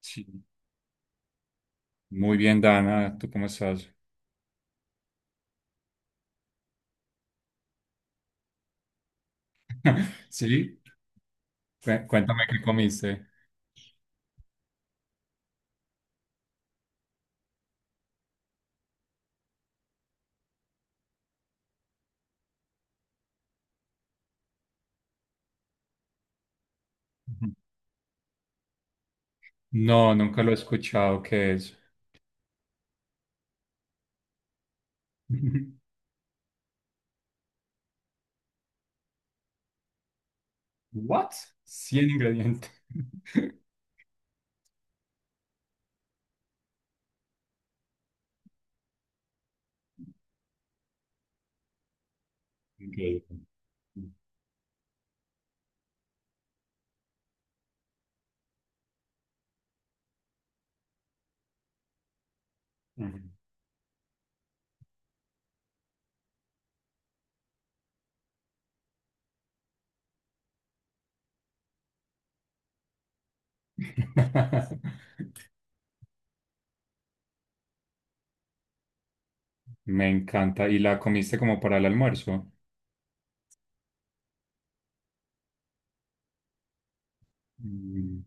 Sí. Muy bien, Dana, ¿tú cómo estás? Sí, cuéntame qué comiste. Ujú. No, nunca lo he escuchado, ¿qué es? What? 100 ingredientes. Ok. Ujú. Me encanta. ¿Y la comiste como para el almuerzo? Mm.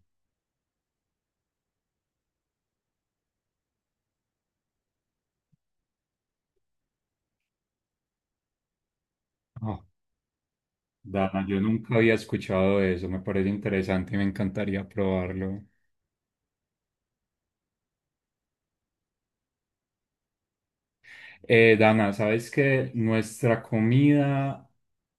Ah, Dana, yo nunca había escuchado de eso, me parece interesante y me encantaría probarlo. Dana, sabes que nuestra comida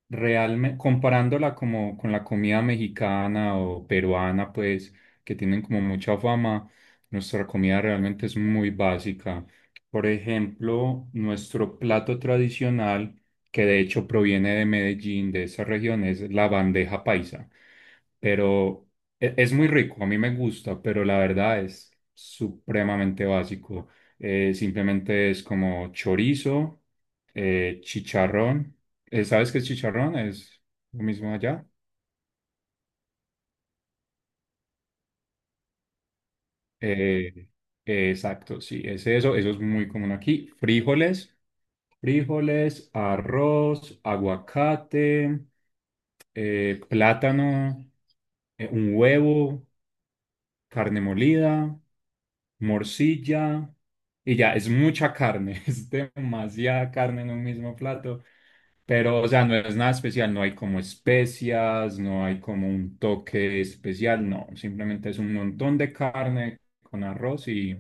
realmente, comparándola como con la comida mexicana o peruana, pues, que tienen como mucha fama, nuestra comida realmente es muy básica. Por ejemplo, nuestro plato tradicional, que de hecho proviene de Medellín, de esa región, es la bandeja paisa. Pero es muy rico, a mí me gusta, pero la verdad es supremamente básico. Simplemente es como chorizo, chicharrón. ¿Sabes qué es chicharrón? Es lo mismo allá. Eh, exacto, sí, es eso. Eso es muy común aquí. Frijoles, arroz, aguacate, plátano, un huevo, carne molida, morcilla. Y ya, es mucha carne, es demasiada carne en un mismo plato. Pero, o sea, no es nada especial, no hay como especias, no hay como un toque especial, no, simplemente es un montón de carne con arroz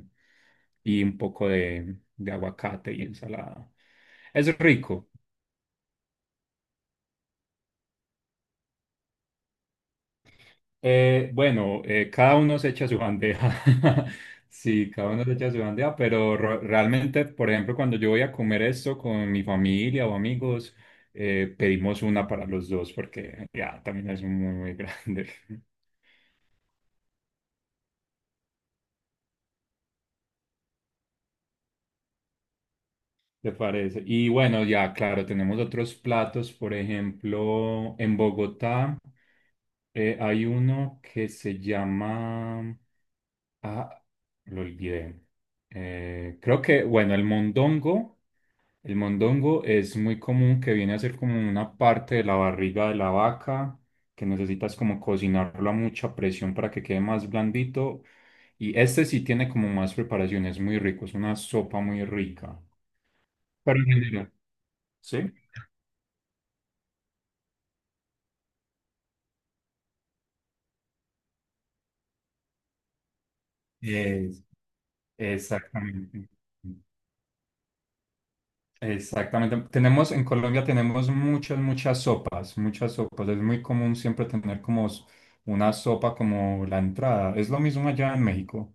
y un poco de aguacate y ensalada. Es rico. Bueno, cada uno se echa su bandeja. Sí, cada uno se echa su bandeja, pero realmente, por ejemplo, cuando yo voy a comer esto con mi familia o amigos, pedimos una para los dos porque ya también es muy, muy grande. ¿Te parece? Y bueno, ya, claro, tenemos otros platos. Por ejemplo, en Bogotá hay uno que se llama... Ah, lo olvidé. Creo que, bueno, el mondongo. El mondongo es muy común, que viene a ser como una parte de la barriga de la vaca, que necesitas como cocinarlo a mucha presión para que quede más blandito. Y este sí tiene como más preparación, es muy rico, es una sopa muy rica. Pero en general, ¿sí? Es- exactamente. Exactamente. Tenemos, en Colombia tenemos muchas, muchas sopas, muchas sopas. Es muy común siempre tener como una sopa como la entrada. Es lo mismo allá en México.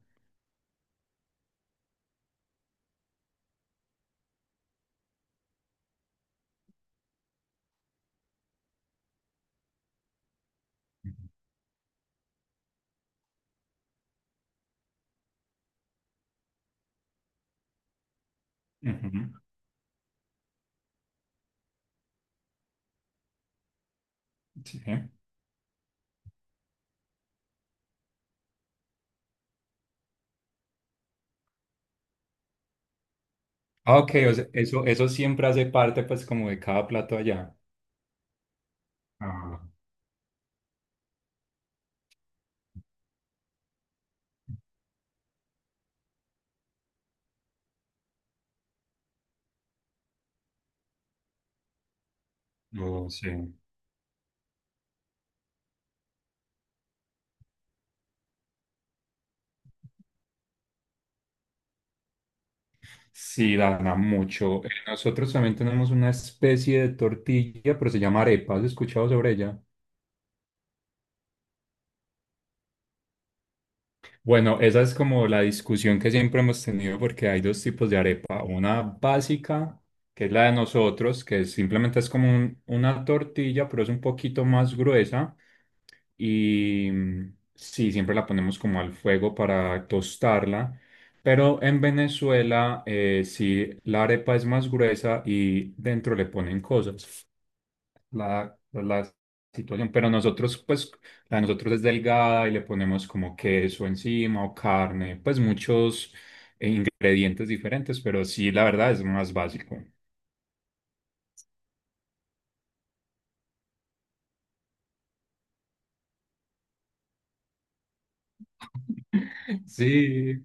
Ujú. Sí. Ah, ok, o sea, eso siempre hace parte pues como de cada plato allá. Ah, no sé. Sí, Dana, mucho. Nosotros también tenemos una especie de tortilla, pero se llama arepa. ¿Has escuchado sobre ella? Bueno, esa es como la discusión que siempre hemos tenido porque hay dos tipos de arepa. Una básica, que es la de nosotros, que simplemente es como una tortilla, pero es un poquito más gruesa. Y mm, sí, siempre la ponemos como al fuego para tostarla. Pero en Venezuela, sí, la arepa es más gruesa y dentro le ponen cosas la situación, pero nosotros, pues, la de nosotros es delgada y le ponemos como queso encima o carne, pues muchos eh, ingredientes diferentes, pero sí, la verdad es más básico. Sí,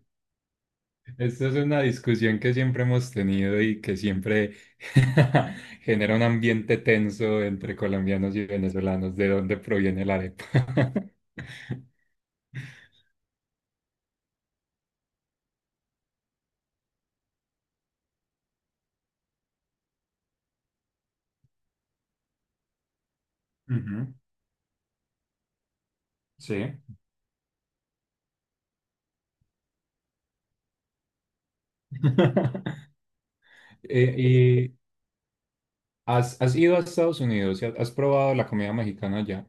esta es una discusión que siempre hemos tenido y que siempre genera un ambiente tenso entre colombianos y venezolanos, de dónde proviene la arepa. Ujú, sí. Eh, ¿has, has ido a Estados Unidos y has, has probado la comida mexicana allá?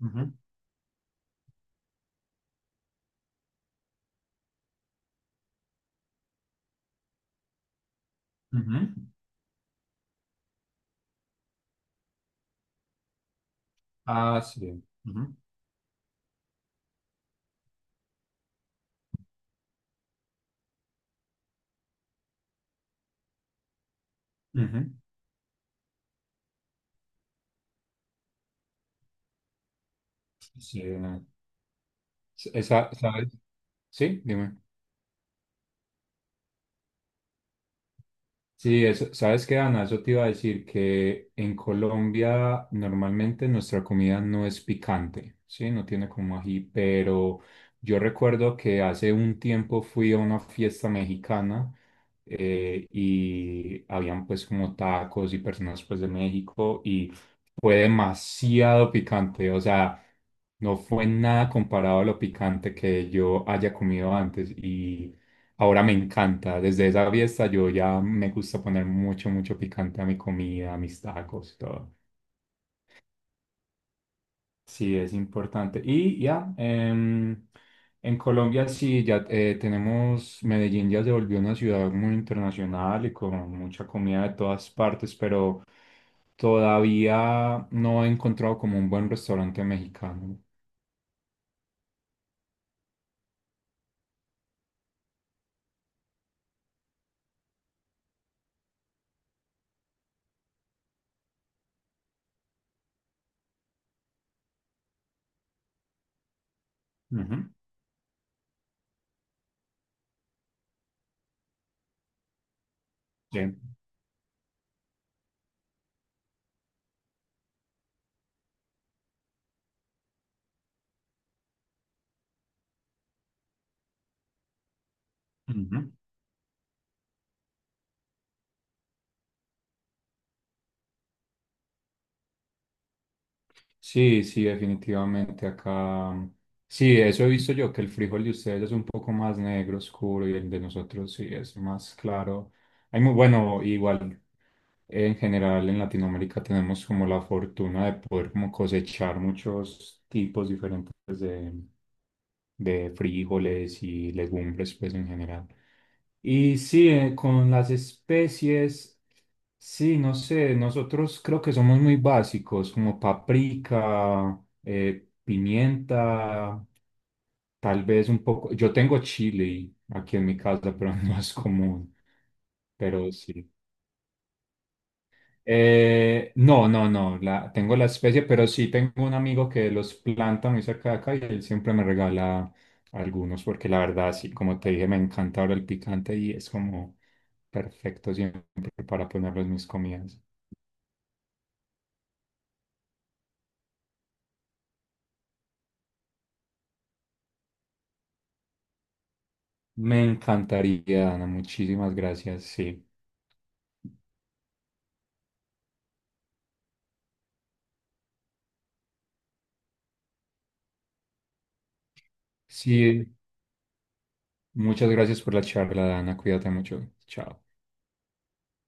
Ujú, ujú, ah, sí. Ujú. Ujú. Sí, no. ¿Sabes? Sí, dime. Sí, eso, ¿sabes qué, Ana? Eso te iba a decir que en Colombia normalmente nuestra comida no es picante, ¿sí? No tiene como ají, pero yo recuerdo que hace un tiempo fui a una fiesta mexicana y habían pues como tacos y personas pues de México y fue demasiado picante, o sea, no fue nada comparado a lo picante que yo haya comido antes y ahora me encanta. Desde esa fiesta yo ya me gusta poner mucho, mucho picante a mi comida, a mis tacos, y todo. Sí, es importante. Y ya, en Colombia sí, ya tenemos, Medellín ya se volvió una ciudad muy internacional y con mucha comida de todas partes, pero todavía no he encontrado como un buen restaurante mexicano. Ujú, sí. Ujú. Sí, sí, definitivamente acá. Sí, eso he visto yo, que el frijol de ustedes es un poco más negro, oscuro, y el de nosotros sí es más claro. Hay muy bueno, igual en general en Latinoamérica tenemos como la fortuna de poder como cosechar muchos tipos diferentes de frijoles y legumbres, pues en general. Y sí, con las especies, sí, no sé, nosotros creo que somos muy básicos, como paprika, pimienta, tal vez un poco. Yo tengo chile aquí en mi casa, pero no es común, pero sí. No, no, no, tengo la especie, pero sí tengo un amigo que los planta muy cerca de acá y él siempre me regala algunos porque la verdad, sí, como te dije, me encanta ahora el picante y es como perfecto siempre para ponerlo en mis comidas. Me encantaría, Dana, muchísimas gracias, sí. Sí, muchas gracias por la charla, Dana, cuídate mucho, chao.